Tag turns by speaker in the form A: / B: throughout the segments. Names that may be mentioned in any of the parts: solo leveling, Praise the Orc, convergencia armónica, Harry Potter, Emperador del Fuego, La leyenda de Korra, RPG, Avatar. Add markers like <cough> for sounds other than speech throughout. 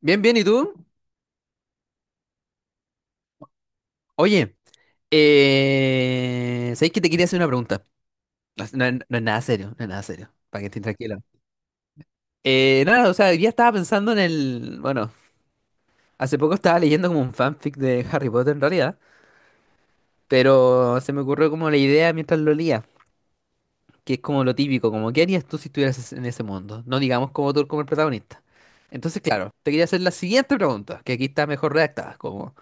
A: Bien, bien, ¿y tú? Oye, ¿sabes que te quería hacer una pregunta? No, es no- no es nada serio, no es nada serio, para que estés tranquilo. Nada, o sea, hoy día estaba pensando en el... Bueno, hace poco estaba leyendo como un fanfic de Harry Potter en realidad, pero se me ocurrió como la idea mientras lo leía, que es como lo típico, como ¿qué harías tú si en ese mundo? No digamos como tú como el protagonista. Entonces, claro, te quería hacer la siguiente pregunta, que aquí está mejor redactada, como...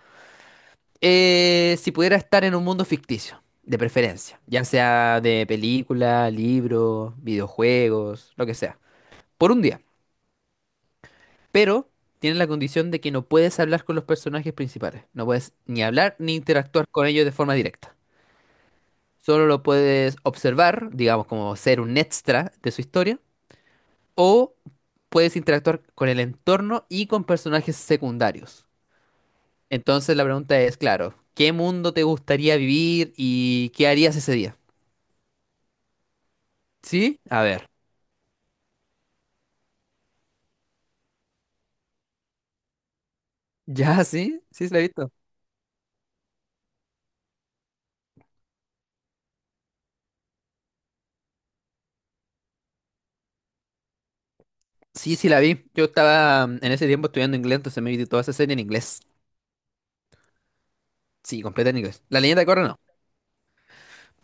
A: Si pudiera estar en un mundo ficticio, de preferencia, ya sea de película, libro, videojuegos, lo que sea, por un día. Pero tiene la condición de que no puedes hablar con los personajes principales, no puedes ni hablar ni interactuar con ellos de forma directa. Solo lo puedes observar, digamos, como ser un extra de su historia, o puedes interactuar con el entorno y con personajes secundarios. Entonces la pregunta es, claro, ¿qué mundo te gustaría vivir y qué harías ese día? Sí, a ver. Ya, sí, sí la he visto. Sí, sí la vi. Yo estaba en ese tiempo estudiando inglés, entonces me vi toda esa serie en inglés. Sí, completa en inglés. La leyenda de Korra no.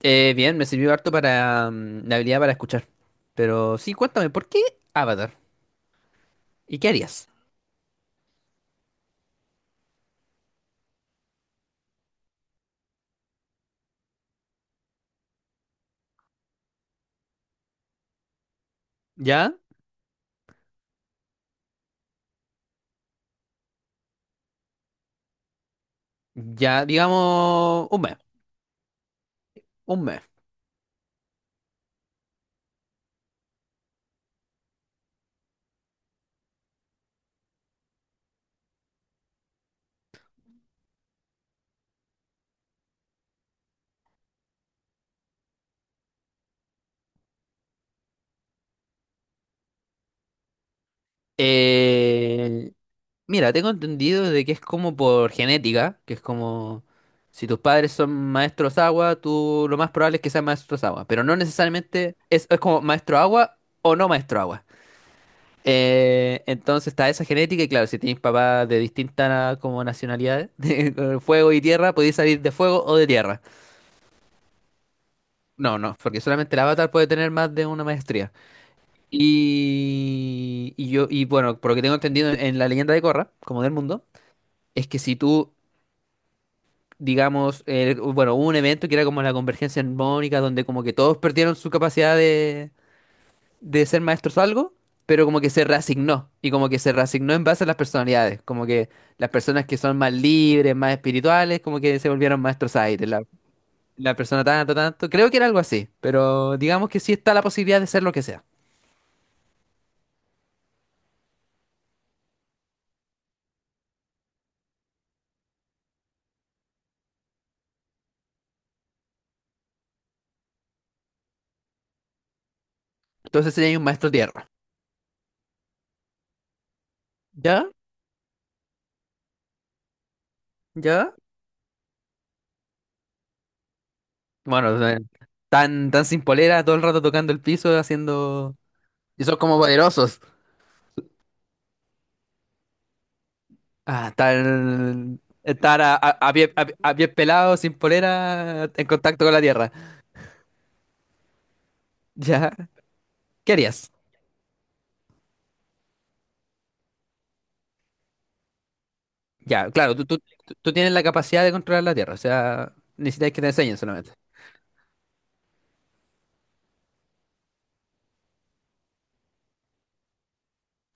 A: Bien, me sirvió harto para la habilidad para escuchar. Pero sí, cuéntame, ¿por qué Avatar? ¿Y qué harías? ¿Ya? Ya, digamos, un mes. Un mes. Eh, Mira, tengo entendido de que es como por genética, que es como si tus padres son maestros agua, tú lo más probable es que seas maestros agua, pero no necesariamente es como maestro agua o no maestro agua. Entonces está esa genética y claro, si tienes papás de distintas como nacionalidades, <laughs> de fuego y tierra, podéis salir de fuego o de tierra. No, no, porque solamente el avatar puede tener más de una maestría. Y yo, y bueno, por lo que tengo entendido en la leyenda de Korra, como del mundo, es que si tú digamos, el- bueno, hubo un evento que era como la convergencia armónica, donde como que todos perdieron su capacidad de ser maestros o algo, pero como que se reasignó, y como que se reasignó en base a las personalidades, como que las personas que son más libres, más espirituales, como que se volvieron maestros aire, la persona tanto, creo que era algo así, pero digamos que sí está la posibilidad de ser lo que sea. Entonces sería un maestro tierra. ¿Ya? ¿Ya? Bueno, tan sin polera, todo el rato tocando el piso, haciendo... Y son como poderosos. Ah, estar a pie, a pie pelado, sin polera, en contacto con la Tierra. <laughs> Ya, ¿qué harías? Ya, claro, tú tienes la capacidad de controlar la Tierra, o sea, necesitas que te enseñen solamente.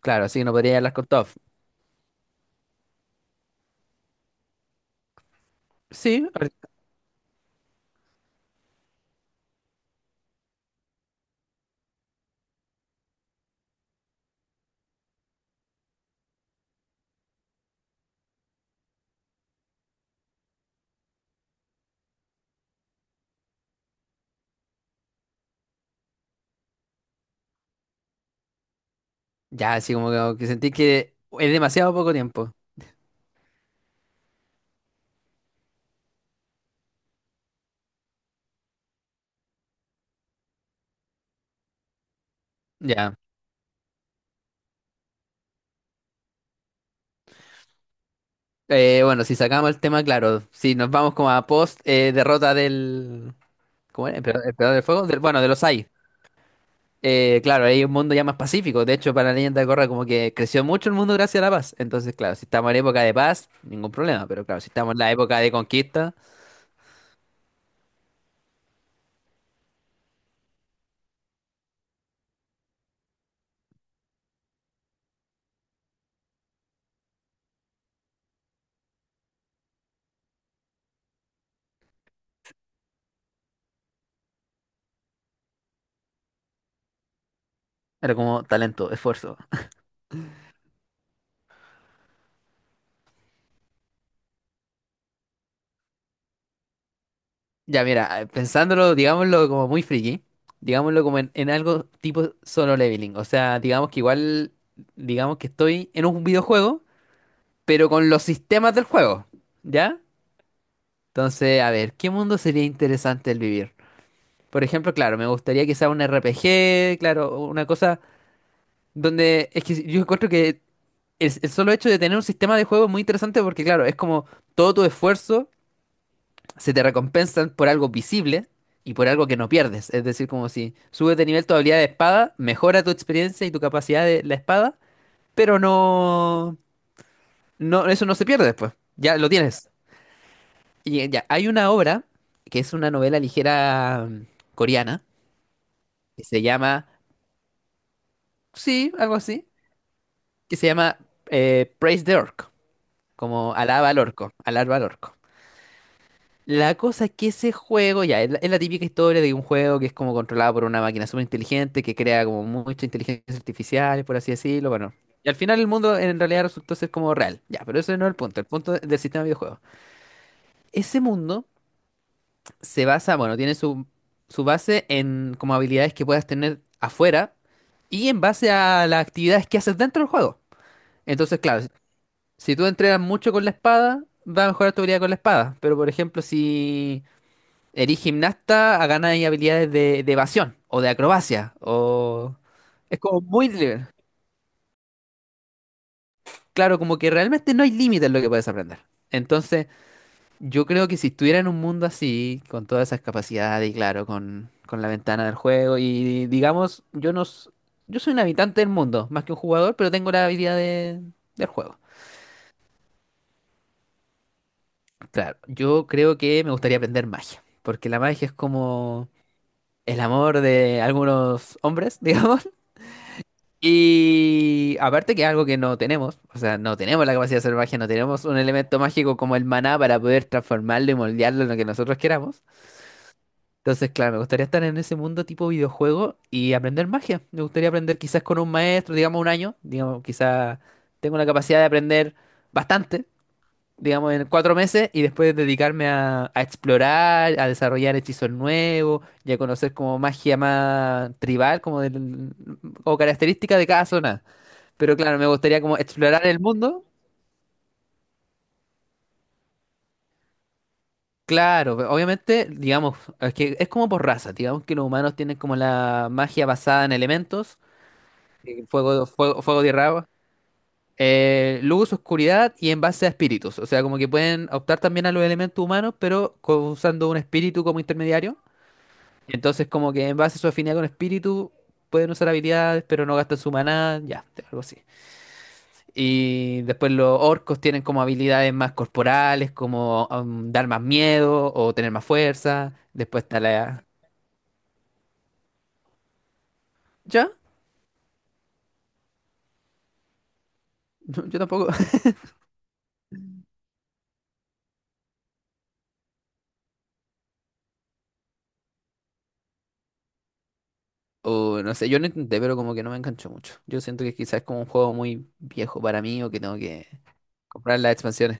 A: Claro, así que no podrías hablar con todos. Sí, ahor- ya, así como que sentí que es demasiado poco tiempo. Ya. Bueno, si sacamos el tema, claro, si nos vamos como a post derrota del... ¿Cómo era? ¿Emperador, Emperador del Fuego? Bueno, de los AI. Claro, hay un mundo ya más pacífico. De hecho, para la leyenda de Korra como que creció mucho el mundo gracias a la paz. Entonces, claro, si estamos en época de paz, ningún problema. Pero claro, si estamos en la época de conquista, era como talento, esfuerzo. Ya, mira, pensándolo, digámoslo como muy friki, digámoslo como en algo tipo solo leveling. O sea, digamos que igual, digamos que estoy en un videojuego, pero con los sistemas del juego, ¿ya? Entonces, a ver, ¿qué mundo sería interesante el vivir? Por ejemplo, claro, me gustaría que sea un RPG, claro, una cosa. Donde es que yo encuentro que el solo hecho de tener un sistema de juego es muy interesante porque, claro, es como todo tu esfuerzo se te recompensan por algo visible y por algo que no pierdes. Es decir, como si subes de nivel tu habilidad de espada, mejora tu experiencia y tu capacidad de la espada, pero no, eso no se pierde después. Ya lo tienes. Y ya, hay una obra que es una novela ligera coreana que se llama, sí, algo así, que se llama Praise the Orc. Como alaba al orco, alaba al orco. La cosa es que ese juego, ya, es es la típica historia de un juego que es como controlado por una máquina súper inteligente que crea como mucha inteligencia artificial, por así decirlo, bueno. Y al final el mundo en realidad resultó ser como real. Ya, pero ese no es el punto del sistema de videojuegos. Ese mundo se basa, bueno, tiene su base en como habilidades que puedas tener afuera y en base a las actividades que haces dentro del juego. Entonces, claro, si tú entrenas mucho con la espada, va a mejorar tu habilidad con la espada. Pero, por ejemplo, si eres gimnasta, a ganas habilidades de evasión o de acrobacia. O... Es como muy libre. Claro, como que realmente no hay límite en lo que puedes aprender. Entonces, yo creo que si estuviera en un mundo así, con todas esas capacidades y claro, con la ventana del juego y digamos, yo no... s- yo soy un habitante del mundo, más que un jugador, pero tengo la habilidad del juego. Claro, yo creo que me gustaría aprender magia, porque la magia es como el amor de algunos hombres, <laughs> digamos. Y aparte que es algo que no tenemos, o sea, no tenemos la capacidad de hacer magia, no tenemos un elemento mágico como el maná para poder transformarlo y moldearlo en lo que nosotros queramos. Entonces, claro, me gustaría estar en ese mundo tipo videojuego y aprender magia. Me gustaría aprender quizás con un maestro, digamos un año, digamos, quizás tengo la capacidad de aprender bastante digamos, en cuatro meses y después dedicarme a explorar, a desarrollar hechizos nuevos y a conocer como magia más tribal, o característica de cada zona. Pero claro, me gustaría como explorar el mundo. Claro, obviamente, digamos, es que es como por raza, digamos que los humanos tienen como la magia basada en elementos, fuego, tierra, agua, luz, oscuridad y en base a espíritus. O sea, como que pueden optar también a los elementos humanos, pero usando un espíritu como intermediario. Entonces, como que en base a su afinidad con espíritu, pueden usar habilidades, pero no gastan su maná, ya, algo así. Y después los orcos tienen como habilidades más corporales, como dar más miedo o tener más fuerza. Después está la... ¿Ya? No, yo tampoco. <laughs> O no sé, yo no intenté, pero como que no me enganchó mucho. Yo siento que quizás es como un juego muy viejo para mí o que tengo que comprar la expansión.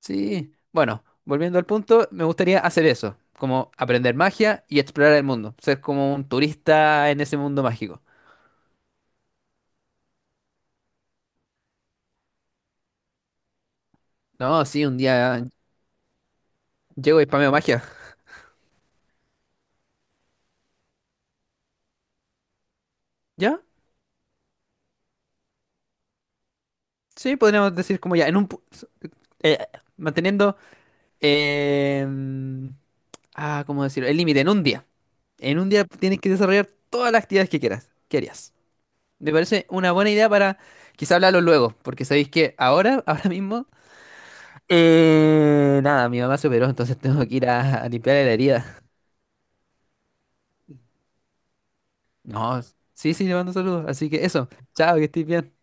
A: Sí, bueno, volviendo al punto, me gustaría hacer eso, como aprender magia y explorar el mundo, ser como un turista en ese mundo mágico. No, sí, un día llego y spameo magia. ¿Ya? Sí, podríamos decir como ya, eh, manteniendo... em, ¿cómo decirlo? El límite, en un día. En un día tienes que desarrollar todas las actividades que quieras, que harías. Me parece una buena idea para quizá hablarlo luego, porque sabéis que ahora, <laughs> ahora mismo, nada, mi mamá se operó, entonces tengo que ir a limpiarle la herida. No, sí, sí, le mando saludos. Así que eso, chao, que estés bien.